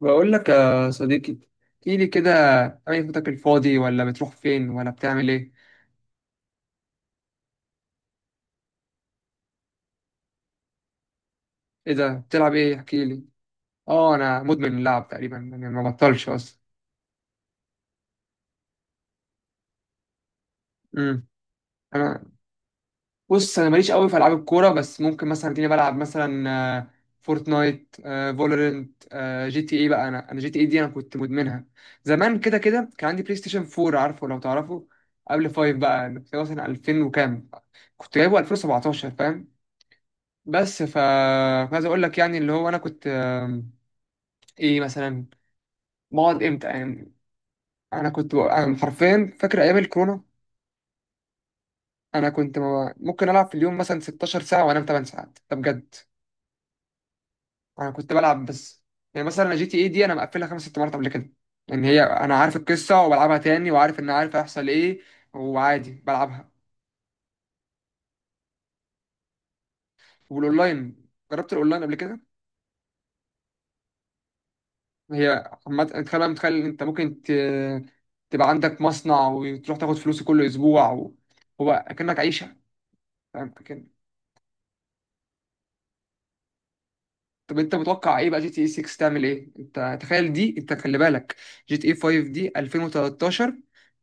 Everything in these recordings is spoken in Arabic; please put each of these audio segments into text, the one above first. بقول لك يا صديقي، احكي لي كده. اي وقتك الفاضي ولا بتروح فين ولا بتعمل ايه؟ ايه ده، بتلعب ايه؟ احكي لي. اه، انا مدمن اللعب تقريبا، يعني ما بطلش اصلا. امم انا، بص انا ماليش قوي في العاب الكوره، بس ممكن مثلا تلاقيني بلعب مثلا آه، فورتنايت، فالورنت، جي تي اي. بقى انا جي تي اي دي انا كنت مدمنها زمان كده كده. كان عندي بلاي ستيشن 4، عارفه؟ لو تعرفه، قبل 5 بقى، اللي هو مثلا 2000 وكام. كنت جايبه 2017، فاهم؟ بس عايز اقول لك، يعني اللي هو انا كنت ايه مثلا، بقعد امتى يعني. انا أنا حرفيا فاكر ايام الكورونا، انا كنت ممكن العب في اليوم مثلا 16 ساعه وانام 8 ساعات، ده بجد. انا كنت بلعب بس. يعني مثلا جي تي اي دي انا مقفلها خمس ست مرات قبل كده. يعني هي انا عارف القصه وبلعبها تاني وعارف ان عارف هيحصل ايه، وعادي بلعبها. والاونلاين، جربت الاونلاين قبل كده؟ هي عامة، تخيل، متخيل إن انت تبقى عندك مصنع وتروح تاخد فلوسه كل اسبوع، و... هو كأنك عيشه، فاهم؟ طب انت متوقع ايه بقى؟ جي تي اي 6 تعمل ايه؟ انت تخيل، دي انت خلي بالك، جي تي اي 5 دي 2013،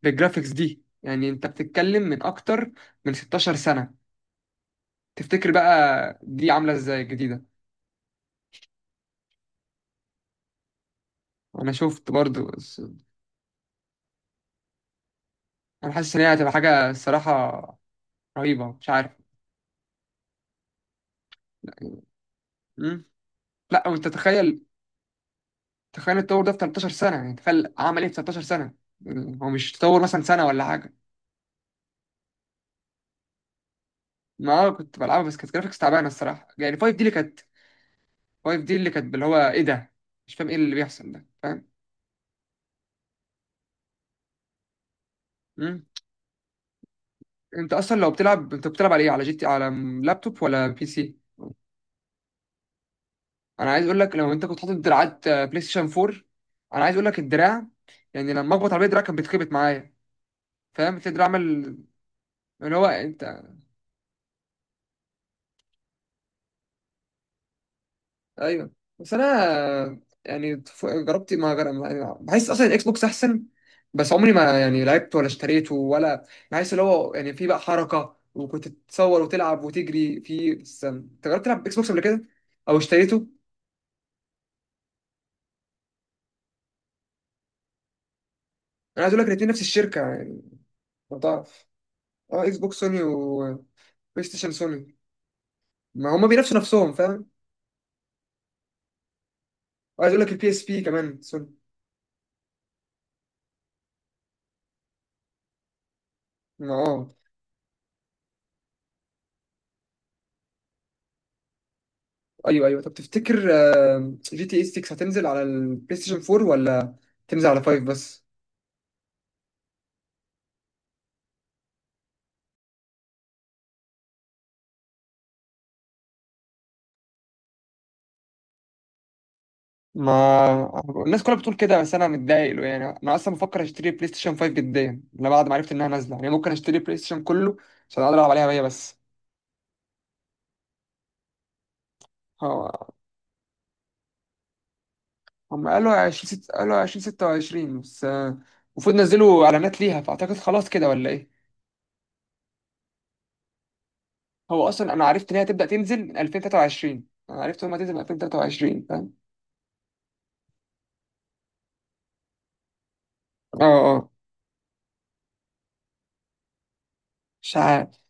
بالجرافيكس دي، يعني انت بتتكلم من اكتر من 16 سنة. تفتكر بقى دي عاملة ازاي الجديدة؟ انا شفت برضو، بس انا حاسس ان هي هتبقى حاجة الصراحة رهيبة، مش عارف. مم؟ لا وانت تخيل، تخيل التطور ده في 13 سنة، يعني تخيل عمل ايه في 13 سنة. يعني هو مش تطور مثلا سنة ولا حاجة. ما انا كنت بلعبها، بس كانت جرافيكس تعبانة الصراحة. يعني 5 دي اللي كانت واقف، دي اللي كانت اللي هو ايه ده، مش فاهم ايه اللي بيحصل ده، فاهم؟ مم. انت اصلا لو بتلعب، انت بتلعب على ايه؟ على جي تي، على لابتوب ولا بي سي؟ انا عايز اقول لك، لو انت كنت حاطط دراعات بلاي ستيشن 4، انا عايز اقول لك الدراع، يعني لما اخبط على الدراع كان بيتخبط معايا، فاهم الدراع عمل؟ اللي هو انت، ايوه، بس انا يعني جربت، ما جر... ما- يعني بحس اصلا الاكس بوكس احسن، بس عمري ما يعني لعبت ولا اشتريته ولا. بحس اللي هو يعني في بقى حركه، وكنت تتصور وتلعب وتجري في. بس انت جربت تلعب اكس بوكس قبل كده او اشتريته؟ انا عايز اقول لك، الاثنين نفس الشركه يعني، لو تعرف. اه، اكس بوكس سوني، وبلاي ستيشن سوني، ما هما بينافسوا نفسهم، فاهم؟ وعايز اقول لك البي اس بي كمان سوني. ما اه، ايوه ايوه. طب تفتكر جي تي اي 6 هتنزل على البلاي ستيشن 4 ولا تنزل على 5 بس؟ ما الناس كلها بتقول كده، بس انا متضايق له. يعني انا اصلا بفكر اشتري بلاي ستيشن 5 جديا، انا بعد ما عرفت انها نازله يعني ممكن اشتري بلاي ستيشن كله عشان اقدر العب عليها هي بس. هو- هم قالوا قالوا 2026 بس، المفروض نزلوا اعلانات ليها، فاعتقد خلاص كده ولا ايه؟ هو اصلا انا عرفت ان هي تبدا تنزل من 2023، انا عرفت ان هي تنزل من 2023، فاهم؟ اه، اه، مش عارف.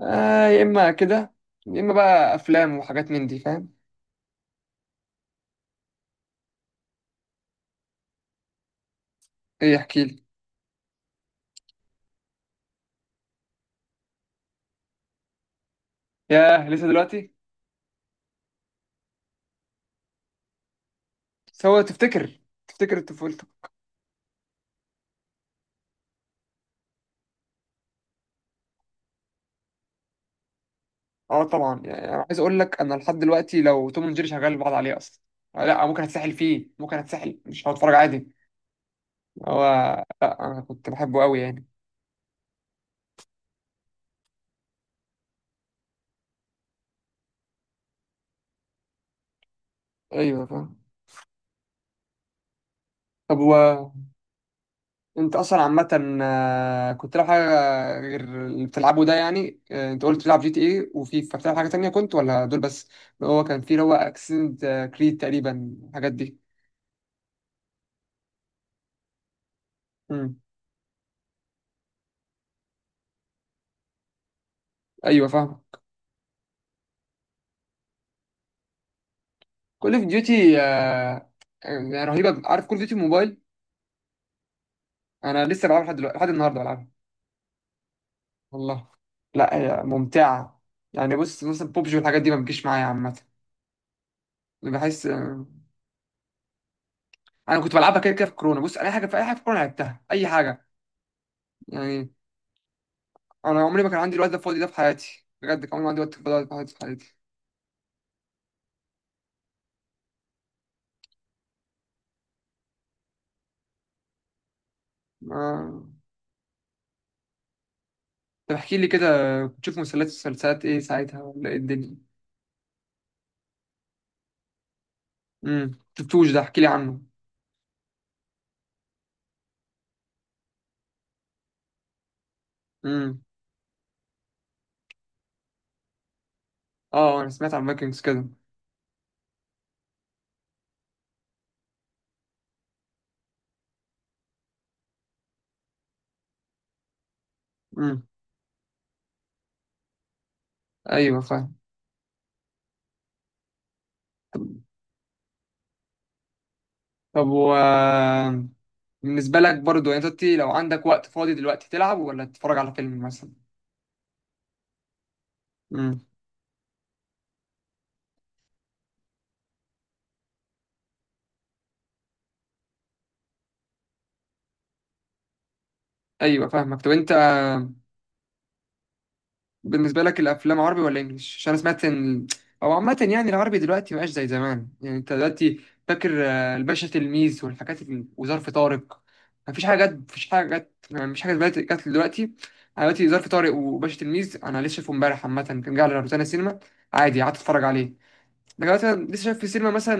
يا اما كده، يا اما بقى افلام وحاجات من دي، فاهم؟ ايه، احكي لي. ياه، لسه دلوقتي؟ سوى تفتكر، تفتكر طفولتك. اه طبعا، يعني انا عايز اقول لك انا لحد دلوقتي لو توم اند جيري شغال بقعد عليه اصلا. لا ممكن اتسحل فيه، ممكن اتسحل، مش هتفرج عادي. هو، لا انا كنت بحبه قوي يعني. ايوه فاهم. طب انت اصلا عامة، كنت تلعب حاجة غير اللي بتلعبه ده، يعني انت قلت بتلعب جي تي ايه، وفي بتلعب حاجة تانية كنت ولا دول بس؟ هو كان في اللي هو اكسنت كريد تقريبا الحاجات دي. امم، ايوه فاهم. كل اوف ديوتي رهيبة، عارف كل اوف ديوتي موبايل؟ انا لسه بلعبها لحد دلوقتي، لحد النهاردة بلعبها. والله. لا هي ممتعة، يعني بص مثلا بوبجي والحاجات دي ما بتجيش معايا عامة. بحس انا كنت بلعبها كده كده في كورونا، بص اي حاجة، في اي حاجة في كورونا لعبتها، اي حاجة. يعني انا عمري ما كان عندي الوقت ده فاضي ده في حياتي، بجد كان عمري ما عندي وقت فاضي ده في حياتي، في حياتي. ما... طب احكي لي كده، كنت بتشوف مسلسلات، ايه ساعتها ولا ايه الدنيا؟ امم، شفتوش ده، احكي لي عنه. امم، اه انا سمعت عن فايكنجز كده. امم، ايوه فاهم. طب بالنسبه لك برضو يعني دلوقتي لو عندك وقت فاضي دلوقتي، تلعب ولا تتفرج على فيلم مثلا؟ امم، ايوه فاهمك. طب انت بالنسبة لك الأفلام عربي ولا إنجليش؟ عشان أنا سمعت إن، أو عامة يعني العربي دلوقتي مبقاش زي زمان. يعني أنت دلوقتي فاكر الباشا تلميذ والحاجات وظرف طارق. مفيش حاجة جت، مفيش حاجة جت، مفيش حاجة دلوقتي جت دلوقتي. أنا دلوقتي ظرف طارق وباشا تلميذ، أنا لسه شايفه إمبارح، عامة كان جاي على روتانا سينما، عادي قعدت أتفرج عليه. لكن مثلا لسه شايف في السينما مثلا،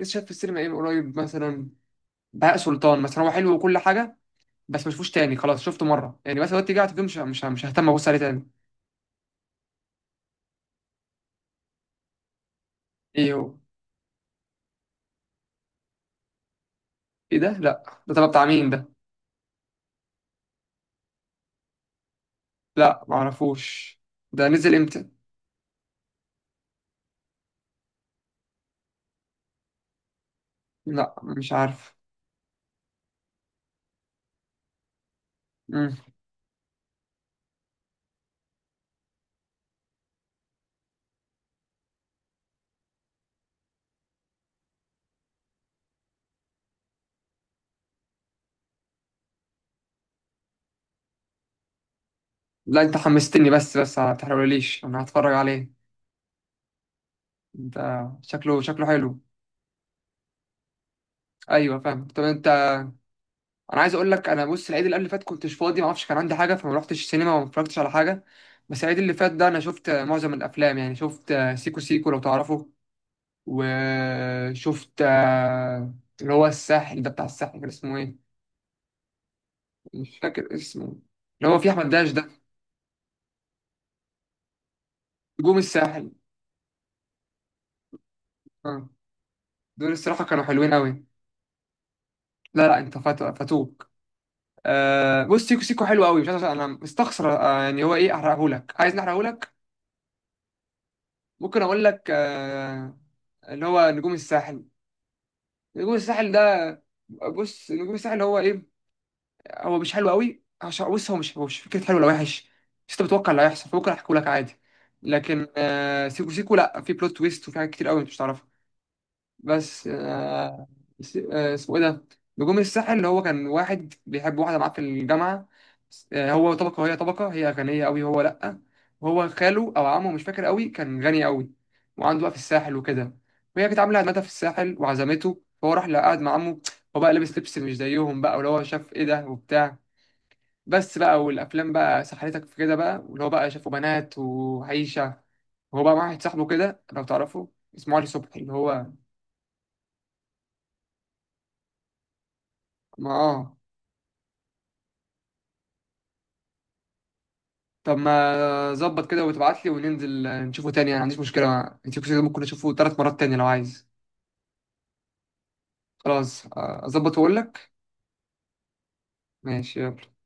لسه شايف في السينما إيه من قريب مثلا؟ بهاء سلطان مثلا، هو حلو وكل حاجة، بس مشفوش تاني، خلاص شفته مرة، يعني مثلا دلوقتي قاعد فيه مش ههتم أبص عليه تاني. إيه هو؟ ايه ده، لا ده تبع بتاع مين ده؟ لا معرفوش. ده نزل امتى؟ لا مش عارف. مم. لا انت حمستني، بس ما تحرقليش، انا هتفرج عليه. انت شكله حلو. ايوه فاهم. طب انت، انا عايز اقول لك، انا بص العيد اللي قبل اللي فات كنتش فاضي، ما اعرفش كان عندي حاجه، فما رحتش السينما وما اتفرجتش على حاجه. بس العيد اللي فات ده انا شفت معظم الافلام، يعني شفت سيكو سيكو لو تعرفه، وشفت اللي هو الساحل ده، بتاع الساحل كان اسمه ايه، مش فاكر اسمه، اللي هو فيه احمد داش ده. نجوم الساحل. اه، دول الصراحه كانوا حلوين قوي. لا لا، انت فاتوك. آه بص، سيكو سيكو حلو قوي، مش عارف، انا مستخسر آه، يعني هو ايه احرقهولك، عايز نحرقهولك؟ ممكن اقول لك آه. اللي هو نجوم الساحل، نجوم الساحل ده، بص نجوم الساحل هو ايه؟ هو مش حلو قوي عشان بص، هو مش، هو مش فكره حلو ولا وحش، بس انت بتتوقع اللي هيحصل، فممكن احكيه لك عادي. لكن آه سيكو سيكو لا، في بلوت تويست وفي حاجات كتير قوي انت مش تعرفها. بس اسمه ايه ده، نجوم الساحل. اللي هو كان واحد بيحب واحده معاه في الجامعه. هو طبقه وهي طبقه، هي غنيه قوي، هو لا. وهو خاله او عمه مش فاكر قوي كان غني قوي، وعنده بقى في الساحل وكده. وهي كانت عامله عزمتها في الساحل وعزمته، فهو راح قعد مع عمه. هو بقى لابس لبس مش زيهم بقى، واللي هو شاف ايه ده وبتاع، بس بقى والافلام بقى سحلتك في كده بقى، واللي هو بقى شافوا بنات وعيشه، وهو بقى مع واحد صاحبه كده لو تعرفه، اسمه علي صبحي، اللي هو ما اه. طب ما ظبط كده وتبعت لي وننزل نشوفه تاني، انا ما عنديش مشكلة، انت كده ممكن اشوفه 3 مرات تاني لو عايز. خلاص، اظبط واقول لك. ماشي، يلا.